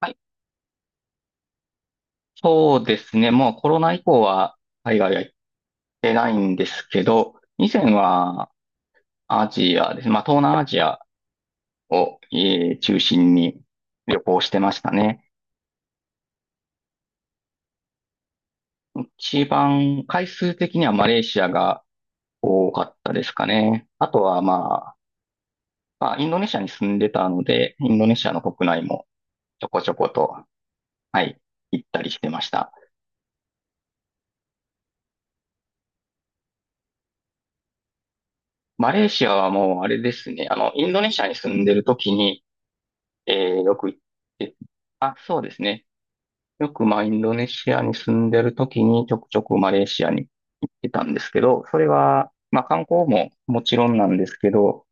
はい、そうですね。もうコロナ以降は海外は行ってないんですけど、以前はアジアですね。まあ、東南アジアを、中心に旅行してましたね。一番回数的にはマレーシアが多かったですかね。あとはまあ、インドネシアに住んでたので、インドネシアの国内もちょこちょこと、はい、行ったりしてました。マレーシアはもうあれですね。あの、インドネシアに住んでる時に、えよく行って、あ、そうですね。よくまあインドネシアに住んでる時にちょくちょくマレーシアに行ってたんですけど、それはまあ観光ももちろんなんですけど、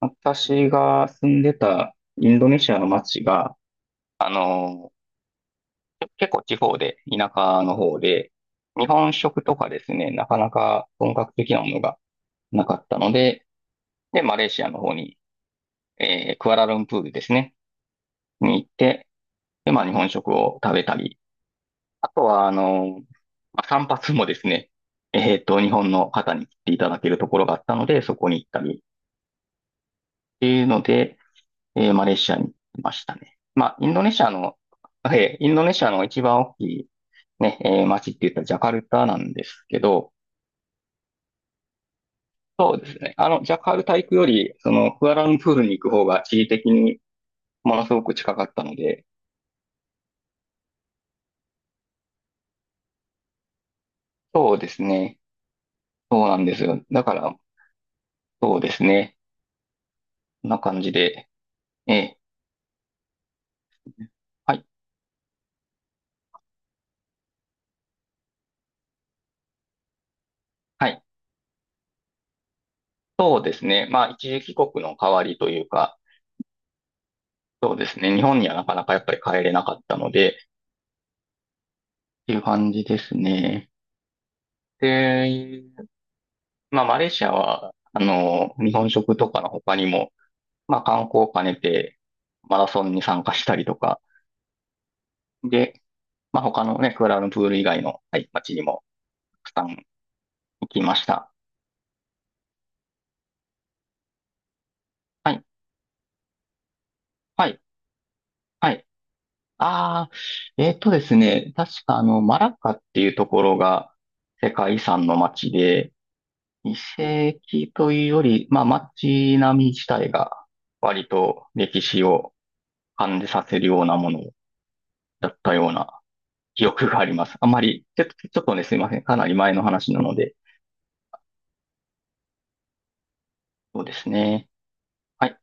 私が住んでたインドネシアの街が結構地方で、田舎の方で、日本食とかですね、なかなか本格的なものがなかったので、で、マレーシアの方に、クアラルンプールですね、に行って、で、まあ日本食を食べたり、あとは、あの、まあ、散髪もですね、日本の方に来ていただけるところがあったので、そこに行ったりっていうので、マレーシアに行きましたね。まあ、インドネシアの、一番大きいね、街って言ったらジャカルタなんですけど、そうですね。あの、ジャカルタ行くより、その、クアラルンプールに行く方が地理的にものすごく近かったので、そうですね。そうなんですよ。だから、そうですね。こんな感じで、えーはい。はい、そうですね。まあ、一時帰国の代わりというか、そうですね。日本にはなかなかやっぱり帰れなかったので、っていう感じですね。で、まあ、マレーシアは、あの、日本食とかの他にも、まあ、観光を兼ねて、マラソンに参加したりとか、で、まあ、他のね、クアラルンプール以外の、はい、街にも、たくさん行きました。はい、はい、はい。ああ、ですね、確かあの、マラッカっていうところが、世界遺産の街で、遺跡というより、まあ街並み自体が割と歴史を感じさせるようなものだったような記憶があります。あまり、ちょっとね、すいません。かなり前の話なので、そうですね。はい。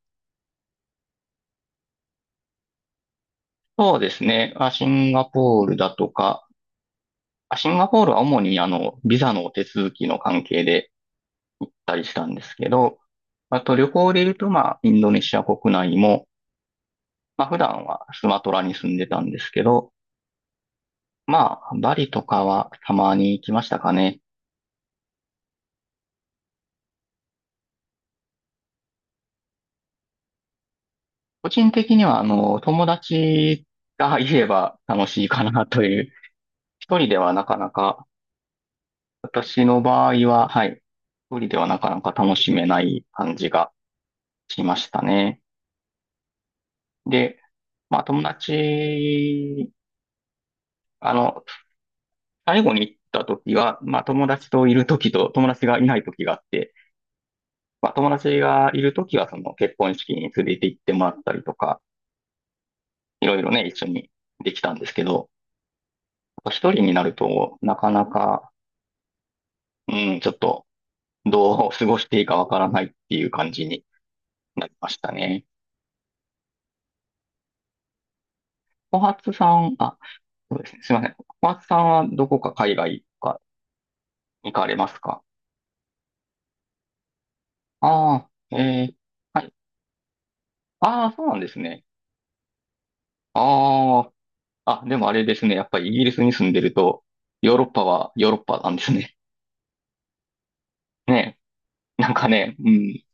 そうですね。あ、シンガポールだとか、あ、シンガポールは主にあの、ビザの手続きの関係で行ったりしたんですけど、あと旅行で言うと、まあ、インドネシア国内も、まあ普段はスマトラに住んでたんですけど、まあ、バリとかはたまに行きましたかね。個人的には、あの、友達がいれば楽しいかなという、一人ではなかなか、私の場合は、はい、一人ではなかなか楽しめない感じがしましたね。で、まあ、友達、あの、最後に行った時は、まあ、友達といる時と友達がいない時があって、まあ、友達がいる時は、その結婚式に連れて行ってもらったりとか、いろいろね、一緒にできたんですけど、一人になると、なかなか、うん、ちょっと、どう過ごしていいかわからないっていう感じになりましたね。小初さん、あ、そうですね。すいません。小初さんはどこか海外とか行かれますか？ああ、はい。ああ、そうなんですね。ああ、あ、でもあれですね。やっぱりイギリスに住んでると、ヨーロッパはヨーロッパなんですね。ねえ。なんかね、うん。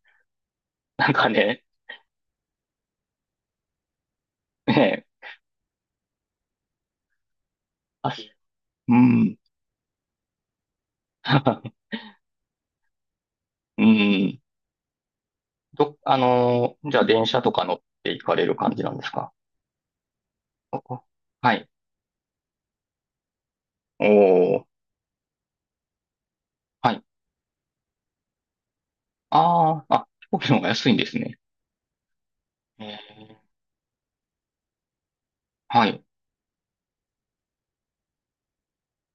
なんかね、ねえ。あ、うん。うん。ど、あのーじゃあ電車とか乗って行かれる感じなんですか？ここ、はい。おー、はい。ああ、あ、飛行機の方が安いんですね。えーはい。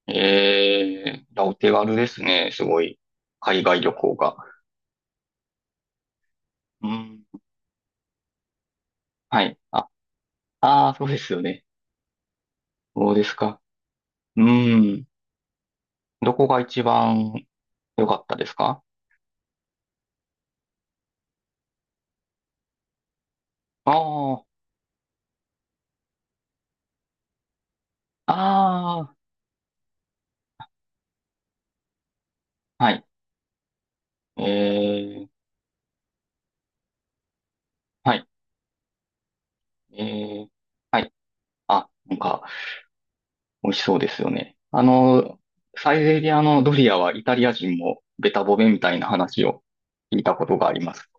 いや、お手軽ですね。すごい。海外旅行が。うん。はい。あ、ああ、そうですよね。そうですか。うん。どこが一番良かったですか？ああ、ああ、はい。えー、はい。えー、はい。あ、なんか、美味しそうですよね。あの、サイゼリアのドリアはイタリア人もベタボベみたいな話を聞いたことがあります。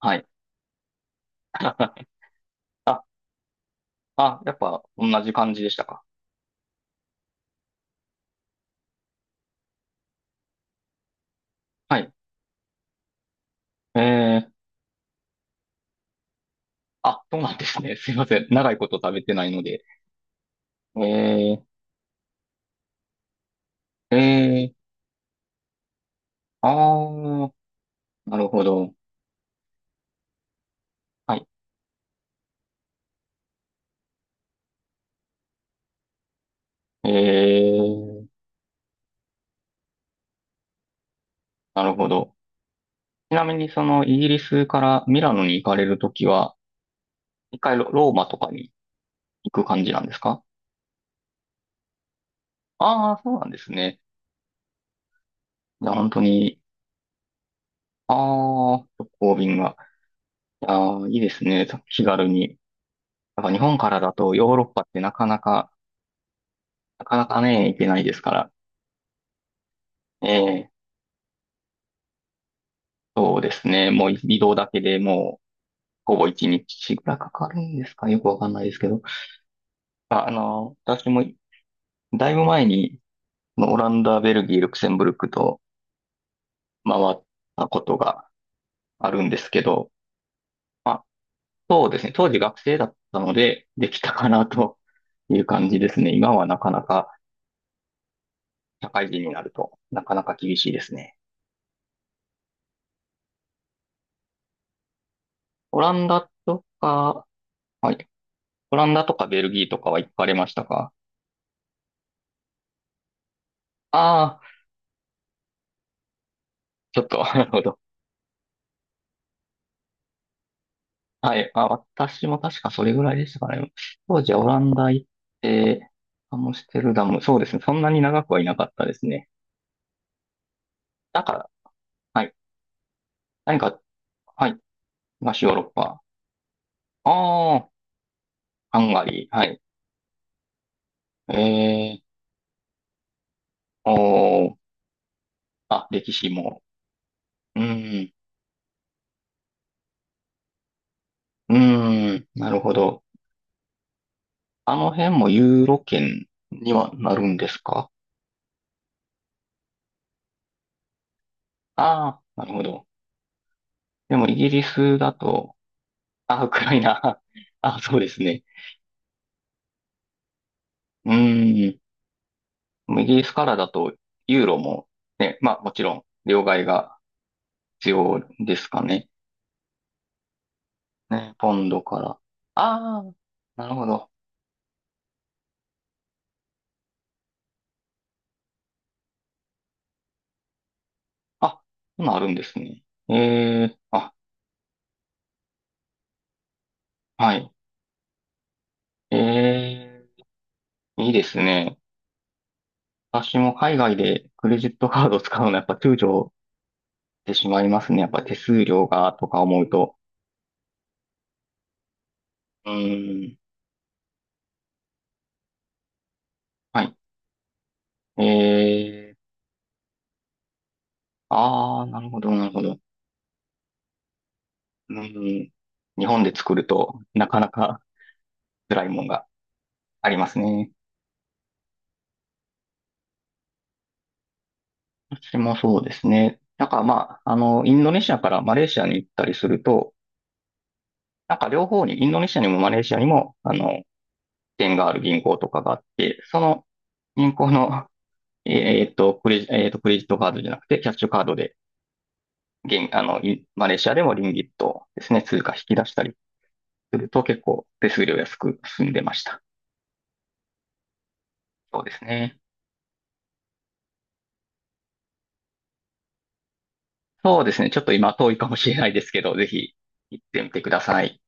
はい。あ、あ、やっぱ同じ感じでしたか。はい。えー、あ、そうなんですね。すいません。長いこと食べてないので。えー、えー、あー、なるほど。はい。えー、なるほど。ちなみにそのイギリスからミラノに行かれるときは、一回ローマとかに行く感じなんですか？ああー、そうなんですね。いや、本当に、ああ、直行便が。いやー、いいですね。気軽に。やっぱ日本からだとヨーロッパってなかなかね、行けないですから。ええ、そうですね。もう移動だけでもう、ほぼ1日ぐらいかかるんですか？よくわかんないですけど。あ、私もだいぶ前に、まあオランダ、ベルギー、ルクセンブルクと回ったことがあるんですけど、そうですね。当時学生だったので、できたかなという感じですね。今はなかなか、社会人になると、なかなか厳しいですね。オランダとか、はい。オランダとかベルギーとかは行かれましたか？ああー、ちょっと、なるほど。はい。あ、私も確かそれぐらいでしたかね。当時はオランダ行って、アムステルダム、そうですね。そんなに長くはいなかったですね。だから、はい。何か、はい。東ヨーロッパ。ああ、ハンガリー。はい。ええー、おー、あ、歴史も。うーん、うーん、なるほど。あの辺もユーロ圏にはなるんですか？ああー、なるほど。でもイギリスだと、あ、ウクライナ。あ、そうですね。うーん。でもイギリスからだと、ユーロも、ね、まあもちろん、両替が必要ですかね。ね、ポンドから。ああ、なるほど。あ、今あるんですね。ええ、あ、はい。ええ、いいですね。私も海外でクレジットカードを使うのはやっぱ躊躇てしまいますね。やっぱ手数料がとか思うと。うーん。はい。えー、ああ、なるほど、なるほど。うーん。日本で作るとなかなか辛いもんがありますね。私もそうですね。なんかまあ、あの、インドネシアからマレーシアに行ったりすると、なんか両方に、インドネシアにもマレーシアにも、あの、支店がある銀行とかがあって、その銀行の、クレジットカードじゃなくて、キャッシュカードで、現、あの、いマレーシアでもリンギットですね、通貨引き出したりすると結構手数料安く済んでました。そうですね。そうですね。ちょっと今遠いかもしれないですけど、ぜひ行ってみてください。